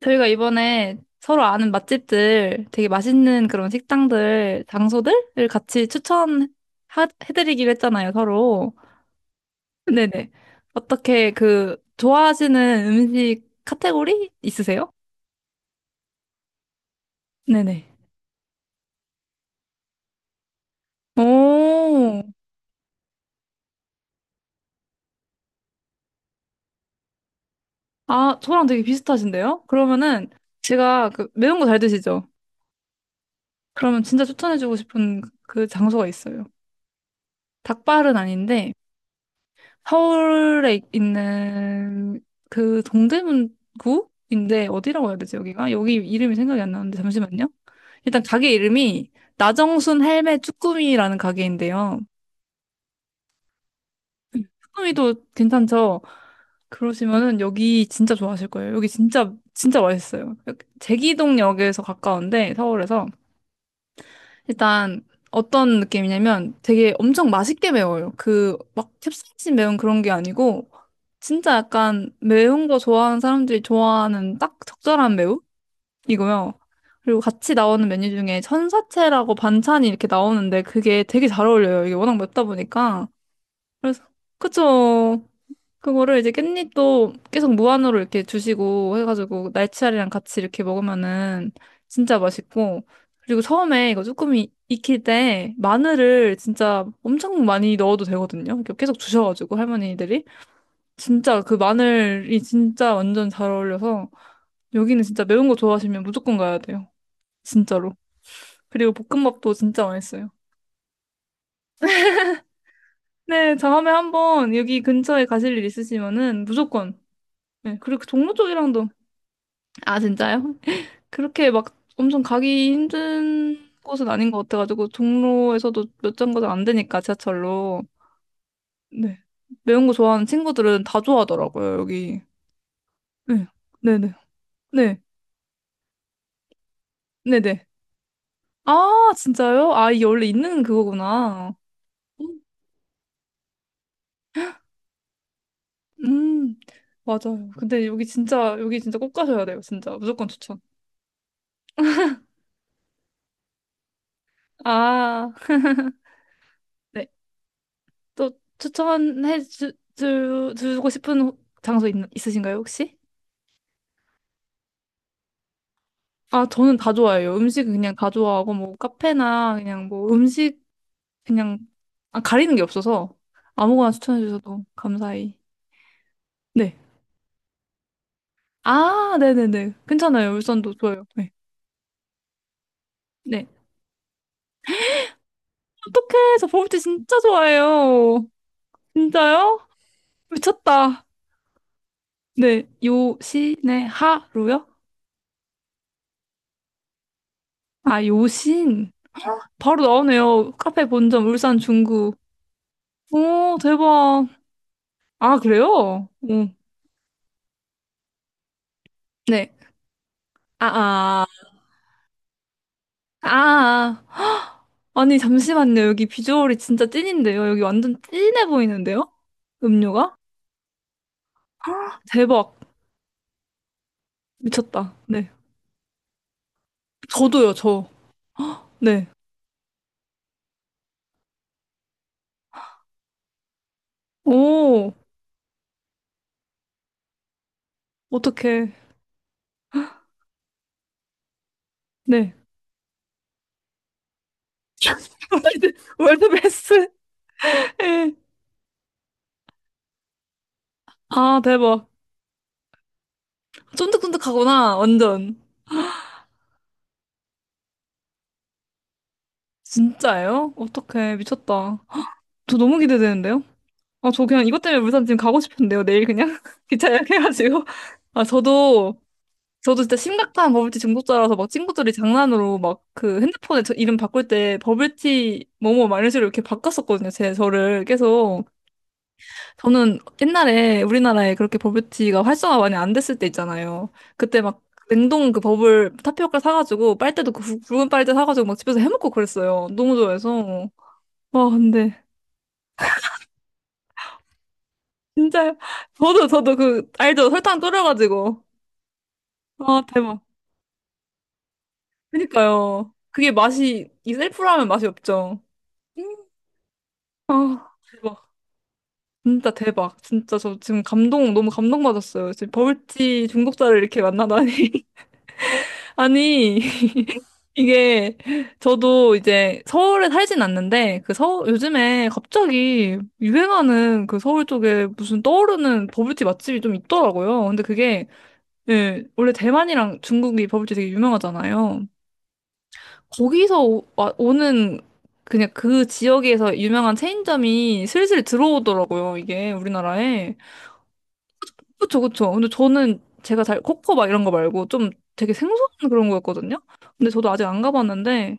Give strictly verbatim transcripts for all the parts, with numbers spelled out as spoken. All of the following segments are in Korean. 저희가 이번에 서로 아는 맛집들, 되게 맛있는 그런 식당들, 장소들을 같이 추천해드리기로 했잖아요, 서로. 네네. 어떻게 그, 좋아하시는 음식 카테고리 있으세요? 네네. 오, 아, 저랑 되게 비슷하신데요? 그러면은 제가 그 매운 거 잘 드시죠? 그러면 진짜 추천해주고 싶은 그 장소가 있어요. 닭발은 아닌데, 서울에 있는 그 동대문구인데 어디라고 해야 되지 여기가? 여기 이름이 생각이 안 나는데 잠시만요. 일단 가게 이름이 나정순 헬메 쭈꾸미라는 가게인데요. 쭈꾸미도 괜찮죠? 그러시면은 여기 진짜 좋아하실 거예요. 여기 진짜 진짜 맛있어요. 여기 제기동역에서 가까운데 서울에서 일단 어떤 느낌이냐면 되게 엄청 맛있게 매워요. 그 막 캡사이신 매운 그런 게 아니고 진짜 약간 매운 거 좋아하는 사람들이 좋아하는 딱 적절한 매움이고요. 그리고 같이 나오는 메뉴 중에 천사채라고 반찬이 이렇게 나오는데 그게 되게 잘 어울려요. 이게 워낙 맵다 보니까. 그래서 그쵸. 그거를 이제 깻잎도 계속 무한으로 이렇게 주시고 해가지고 날치알이랑 같이 이렇게 먹으면은 진짜 맛있고. 그리고 처음에 이거 쭈꾸미 익힐 때 마늘을 진짜 엄청 많이 넣어도 되거든요. 이렇게 계속 주셔가지고 할머니들이 진짜 그 마늘이 진짜 완전 잘 어울려서 여기는 진짜 매운 거 좋아하시면 무조건 가야 돼요. 진짜로. 그리고 볶음밥도 진짜 맛있어요. 네, 다음에 한번 여기 근처에 가실 일 있으시면은 무조건. 네, 그리고 종로 쪽이랑도. 아, 진짜요? 그렇게 막 엄청 가기 힘든 곳은 아닌 것 같아가지고 종로에서도 몇 정거장 안 되니까 지하철로. 네. 매운 거 좋아하는 친구들은 다 좋아하더라고요, 여기. 네. 네네. 네. 네네. 아, 진짜요? 아, 이게 원래 있는 그거구나. 음. 음, 맞아요. 근데 여기 진짜 여기 진짜 꼭 가셔야 돼요. 진짜 무조건 추천. 아네 또 추천해 주, 주, 주고 싶은 장소 있, 있으신가요 혹시? 아, 저는 다 좋아해요. 음식은 그냥 다 좋아하고, 뭐, 카페나 그냥 뭐, 음식, 그냥, 아, 가리는 게 없어서 아무거나 추천해 주셔도 감사히. 네. 아, 네네네. 괜찮아요. 울산도 좋아요. 네. 네. 어떡해. 저 버블티 진짜 좋아해요. 진짜요? 미쳤다. 네. 요신의 하루요? 아, 요신. 바로 나오네요. 카페 본점 울산 중구. 오, 대박. 아, 그래요? 응. 네. 아, 아. 아, 아. 아니, 잠시만요. 여기 비주얼이 진짜 찐인데요. 여기 완전 찐해 보이는데요? 음료가? 대박. 미쳤다. 네. 저도요, 저. 네. 오. 어떡해. 네. 월드, 월드 베스트. 예. 아, 대박. 쫀득쫀득하구나. 완전. 진짜예요? 어떡해. 미쳤다. 저 너무 기대되는데요? 아, 저 그냥 이것 때문에 울산 지금 가고 싶은데요. 내일 그냥 기차 예약해가지고. 아, 저도. 저도 진짜 심각한 버블티 중독자라서 막 친구들이 장난으로 막 그 핸드폰에 저 이름 바꿀 때 버블티 뭐뭐 막 이런 식으로 이렇게 바꿨었거든요. 제 저를 계속. 저는 옛날에 우리나라에 그렇게 버블티가 활성화 많이 안 됐을 때 있잖아요. 그때 막 냉동 그 버블 타피오카 사가지고 빨대도 그 굵- 굵은 빨대 사가지고 막 집에서 해먹고 그랬어요. 너무 좋아해서. 와, 근데 진짜 저도 저도 그 알죠? 설탕 졸여가지고. 아, 대박. 그니까요. 그게 맛이 이 셀프라면 맛이 없죠. 아, 대박. 진짜 대박. 진짜 저 지금 감동, 너무 감동받았어요. 지금 버블티 중독자를 이렇게 만나다니. 아니, 이게 저도 이제 서울에 살진 않는데 그 서 요즘에 갑자기 유행하는 그 서울 쪽에 무슨 떠오르는 버블티 맛집이 좀 있더라고요. 근데 그게, 예, 원래 대만이랑 중국이 버블티 되게 유명하잖아요. 거기서 오, 와- 오는 그냥 그 지역에서 유명한 체인점이 슬슬 들어오더라고요, 이게 우리나라에. 그쵸, 그쵸. 근데 저는 제가 잘 코코 막 이런 거 말고 좀 되게 생소한 그런 거였거든요. 근데 저도 아직 안 가봤는데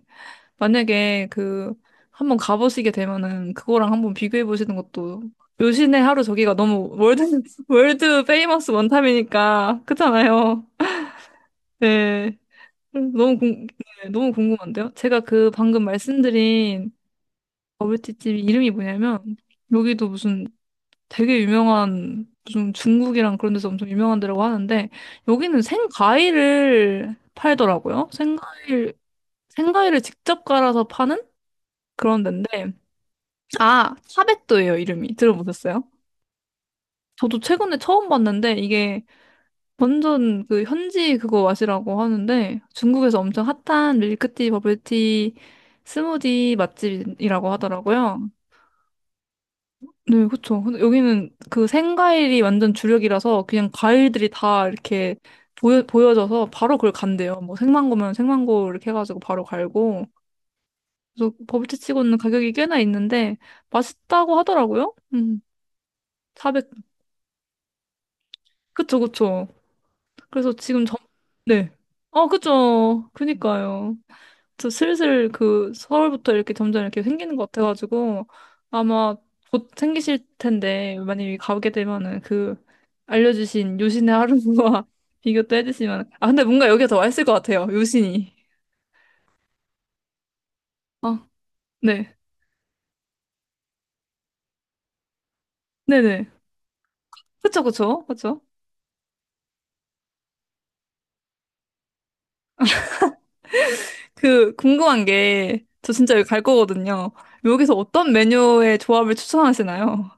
만약에 그 한번 가보시게 되면은 그거랑 한번 비교해 보시는 것도. 요신의 하루 저기가 너무 월드 월드 페이머스 원탑이니까 그렇잖아요. 네. 음, 너무 궁, 네, 너무 궁금한데요? 제가 그 방금 말씀드린 버블티집 이름이 뭐냐면 여기도 무슨 되게 유명한 무슨 중국이랑 그런 데서 엄청 유명한 데라고 하는데 여기는 생과일을 팔더라고요. 생과일, 생과일을 직접 갈아서 파는 그런 데인데 아, 차백도예요 이름이. 들어보셨어요? 저도 최근에 처음 봤는데 이게 완전 그 현지 그거 맛이라고 하는데 중국에서 엄청 핫한 밀크티, 버블티, 스무디 맛집이라고 하더라고요. 네, 그쵸. 근데 여기는 그 생과일이 완전 주력이라서 그냥 과일들이 다 이렇게 보여, 보여져서 바로 그걸 간대요. 뭐 생망고면 생망고 이렇게 해가지고 바로 갈고. 그래서 버블티 치고는 가격이 꽤나 있는데 맛있다고 하더라고요. 음, 사백. 그쵸, 그쵸. 그래서 지금 점, 네. 어, 그쵸. 그니까요. 저 슬슬 그 서울부터 이렇게 점점 이렇게 생기는 것 같아가지고 아마 곧 생기실 텐데 만약에 가게 되면은 그 알려주신 요신의 하루와 비교도 해주시면. 아, 근데 뭔가 여기가 더 맛있을 것 같아요, 요신이. 아, 네. 네네. 그쵸, 그쵸, 그쵸. 그 궁금한 게 저 진짜 여기 갈 거거든요. 여기서 어떤 메뉴의 조합을 추천하시나요?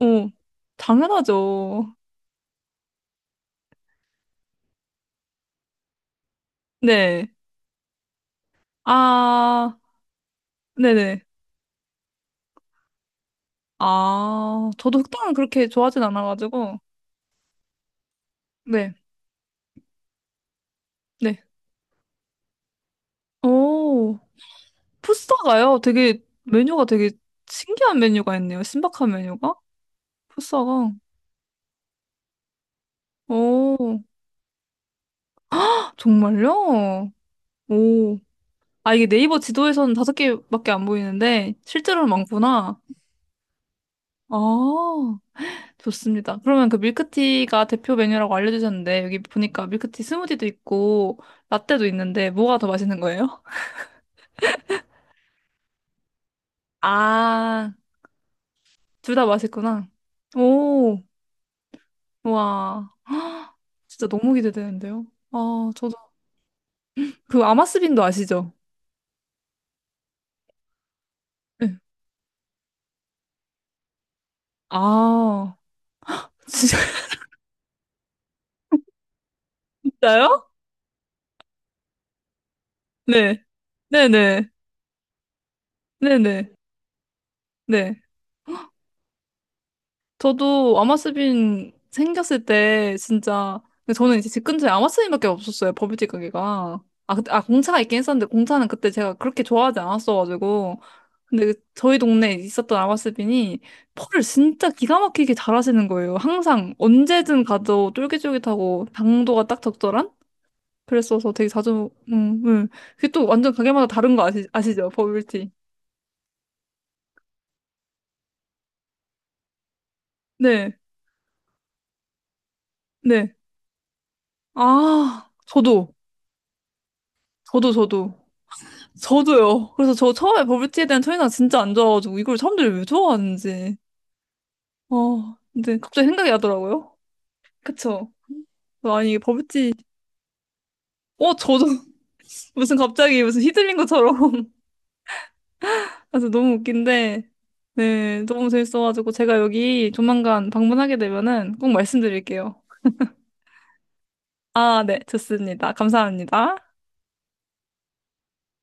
오, 당연하죠. 네. 아, 네네. 아, 저도 흑당은 그렇게 좋아하진 않아가지고. 네, 네. 오, 푸싸가요? 되게, 메뉴가 되게 신기한 메뉴가 있네요. 신박한 메뉴가? 푸싸가. 오, 헉, 정말요? 오. 아, 이게 네이버 지도에서는 다섯 개밖에 안 보이는데, 실제로는 많구나. 아, 좋습니다. 그러면 그 밀크티가 대표 메뉴라고 알려주셨는데, 여기 보니까 밀크티 스무디도 있고, 라떼도 있는데, 뭐가 더 맛있는 거예요? 아, 둘 다 맛있구나. 오, 와. 진짜 너무 기대되는데요. 아, 저도. 그 아마스빈도 아시죠? 네. 아, 진짜요? 네. 네네. 네네. 네. 네. 네. 저도 아마스빈 생겼을 때 진짜. 근데 저는 이제 집 근처에 아마스빈밖에 없었어요. 버블티 가게가. 아, 그때, 아, 공차가 있긴 했었는데 공차는 그때 제가 그렇게 좋아하지 않았어가지고. 근데 그 저희 동네에 있었던 아마스빈이 펄을 진짜 기가 막히게 잘 하시는 거예요. 항상 언제든 가도 쫄깃쫄깃하고 당도가 딱 적절한? 그랬어서 되게 자주, 음, 음. 그게 또 완전 가게마다 다른 거 아시, 아시죠? 버블티. 네, 네. 아, 저도, 저도, 저도. 저도요. 그래서 저 처음에 버블티에 대한 첫인상 진짜 안 좋아가지고 이걸 사람들이 왜 좋아하는지. 어, 근데 갑자기 생각이 나더라고요. 그쵸? 아니, 이게 버블티. 어, 저도 무슨 갑자기 무슨 휘둘린 것처럼. 그래서 너무 웃긴데, 네, 너무 재밌어가지고 제가 여기 조만간 방문하게 되면은 꼭 말씀드릴게요. 아, 네, 좋습니다. 감사합니다.